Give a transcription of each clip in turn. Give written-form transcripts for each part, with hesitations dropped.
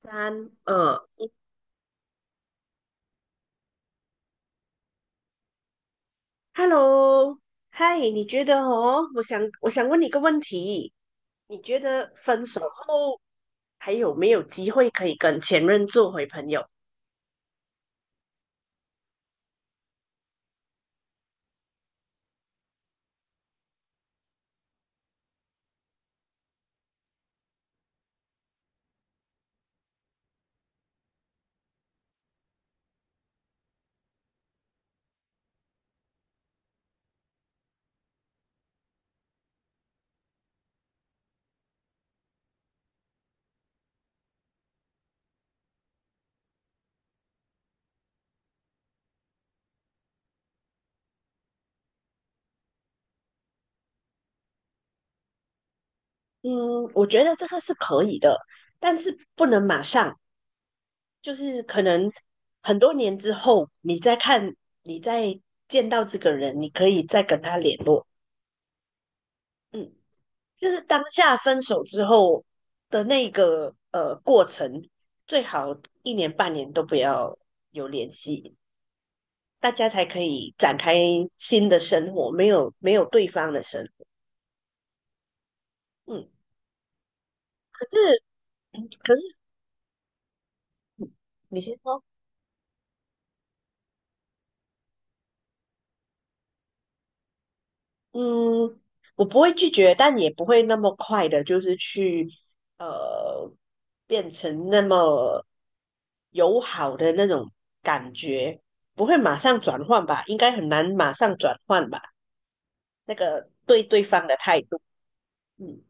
三二一，Hello，嗨，你觉得哦？我想问你一个问题，你觉得分手后还有没有机会可以跟前任做回朋友？嗯，我觉得这个是可以的，但是不能马上，就是可能很多年之后，你再看，你再见到这个人，你可以再跟他联络。嗯。就是当下分手之后的那个过程，最好一年半年都不要有联系，大家才可以展开新的生活，没有没有对方的生活。嗯，可是可是嗯你先说。嗯，我不会拒绝，但也不会那么快的，就是去呃变成那么友好的那种感觉，不会马上转换吧？应该很难马上转换吧？那个对对方的态度。嗯。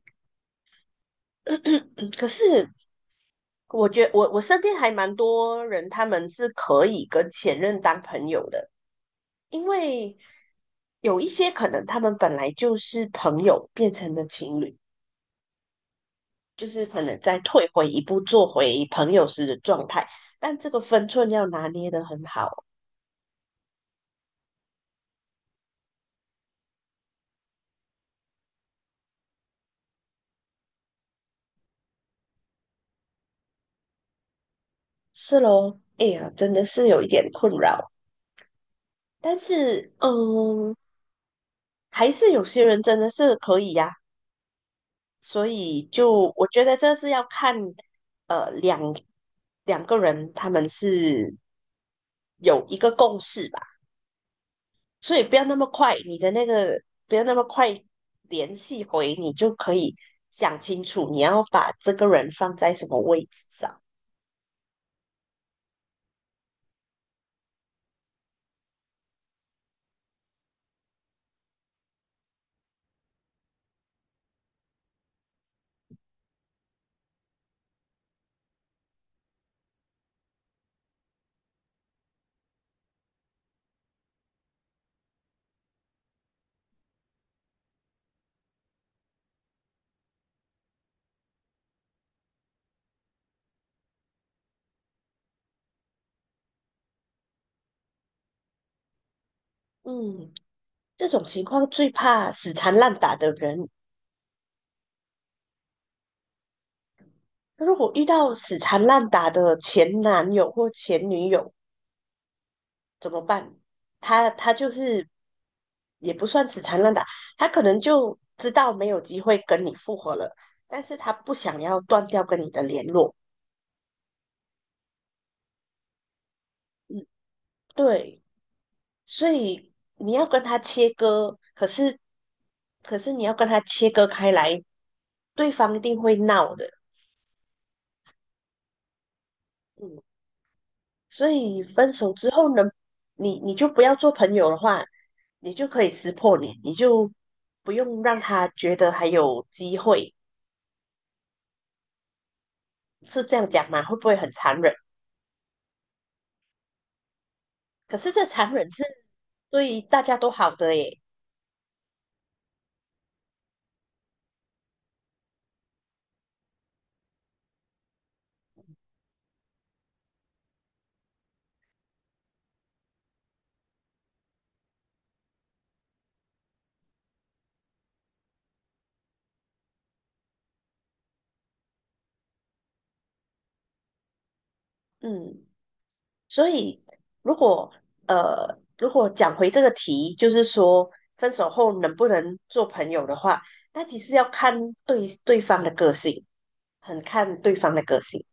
可是我觉我身边还蛮多人，他们是可以跟前任当朋友的，因为有一些可能他们本来就是朋友，变成了情侣，就是可能再退回一步，做回朋友时的状态。但这个分寸要拿捏得很好。是咯，哎呀，真的是有一点困扰。但是，嗯，还是有些人真的是可以呀、所以就我觉得这是要看呃两两个人他们是有一个共识吧，所以不要那么快，你的那个不要那么快联系回，你就可以想清楚你要把这个人放在什么位置上。嗯，这种情况最怕死缠烂打的人。如果遇到死缠烂打的前男友或前女友，怎么办？他就是也不算死缠烂打，他可能就知道没有机会跟你复合了，但是他不想要断掉跟你的联络。嗯，对，所以你要跟他切割，可是你要跟他切割开来，对方一定会闹的。嗯，所以分手之后呢，你就不要做朋友的话，你就可以撕破脸，你就不用让他觉得还有机会。是这样讲吗？会不会很残忍？可是这残忍是对大家都好的耶。嗯，所以如果如果讲回这个题，就是说分手后能不能做朋友的话，那其实要看对对方的个性，很看对方的个性。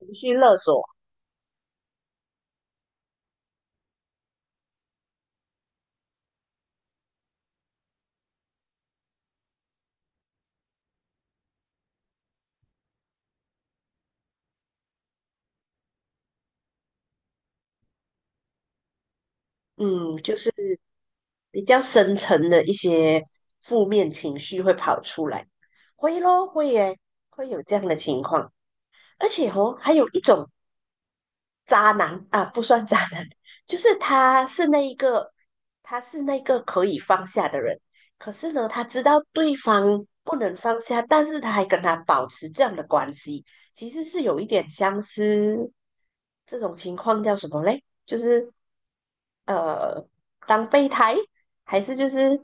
情绪勒索。嗯，就是比较深层的一些负面情绪会跑出来，会咯，会耶，会有这样的情况。而且哦，还有一种渣男啊，不算渣男，就是他是那一个，他是那个可以放下的人。可是呢，他知道对方不能放下，但是他还跟他保持这样的关系，其实是有一点相似，这种情况叫什么嘞？就是呃，当备胎，还是就是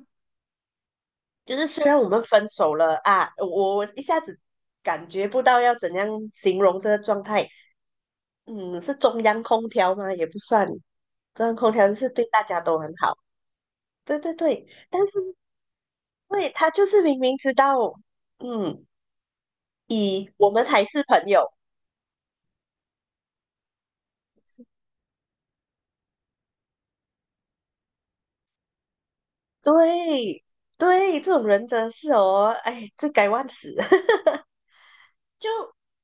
就是虽然我们分手了啊，我一下子感觉不到要怎样形容这个状态。嗯，是中央空调吗？也不算，中央空调就是对大家都很好。对对对，但是对他就是明明知道，嗯，以我们还是朋友。对对，这种人真的是哦，哎，罪该万死。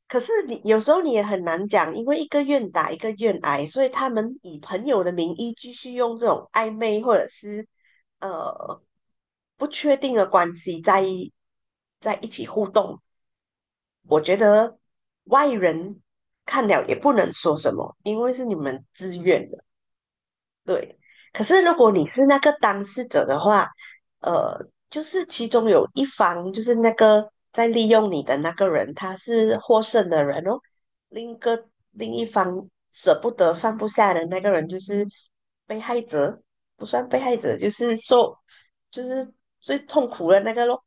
可是你有时候你也很难讲，因为一个愿打一个愿挨，所以他们以朋友的名义继续用这种暧昧或者是呃不确定的关系在一起互动，我觉得外人看了也不能说什么，因为是你们自愿的。对。可是如果你是那个当事者的话，呃，就是其中有一方，就是那个在利用你的那个人，他是获胜的人哦，另一方舍不得放不下的那个人，就是被害者，不算被害者，就是受，就是最痛苦的那个咯。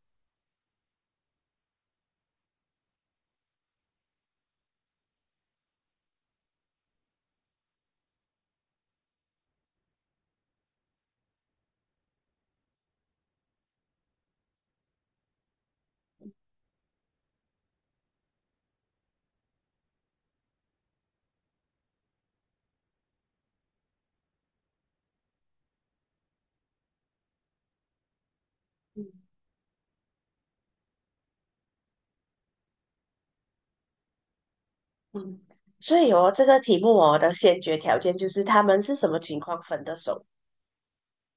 嗯，所以哦，这个题目哦的先决条件就是他们是什么情况分的手。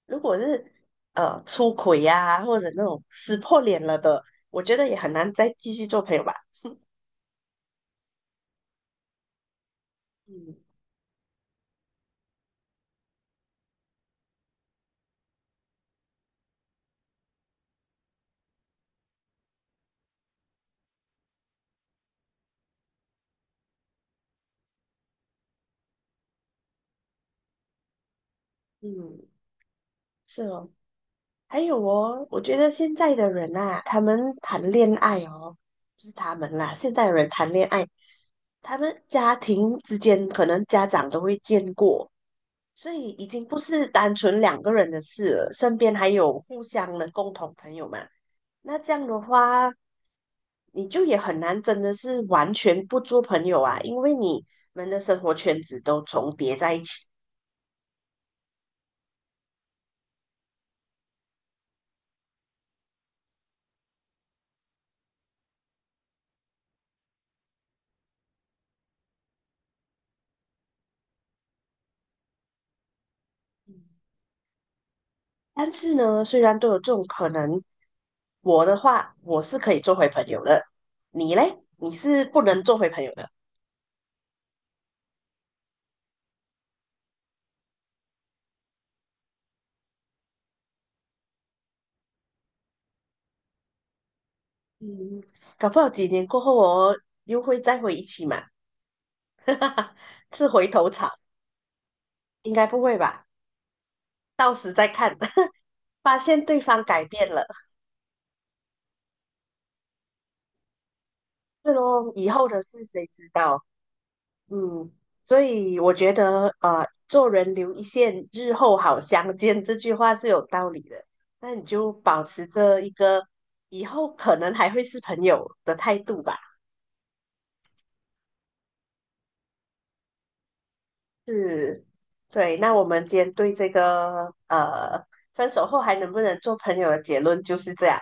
如果是出轨呀、或者那种撕破脸了的，我觉得也很难再继续做朋友吧。嗯嗯，是哦。还有哦，我觉得现在的人啊，他们谈恋爱哦，不是他们啦，现在的人谈恋爱，他们家庭之间可能家长都会见过，所以已经不是单纯两个人的事了，身边还有互相的共同朋友嘛。那这样的话，你就也很难真的是完全不做朋友啊，因为你们的生活圈子都重叠在一起。但是呢，虽然都有这种可能，我的话我是可以做回朋友的，你嘞？你是不能做回朋友的。嗯，搞不好几年过后哦，又会再回一起嘛，是回头草，应该不会吧？到时再看。发现对方改变了，是咯，以后的事谁知道？嗯，所以我觉得，做人留一线，日后好相见，这句话是有道理的。那你就保持着一个以后可能还会是朋友的态度吧。是，对。那我们今天对这个分手后还能不能做朋友的结论就是这样。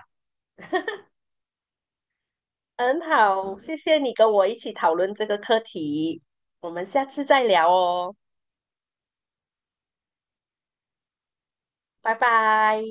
很好，谢谢你跟我一起讨论这个课题，我们下次再聊哦，拜拜。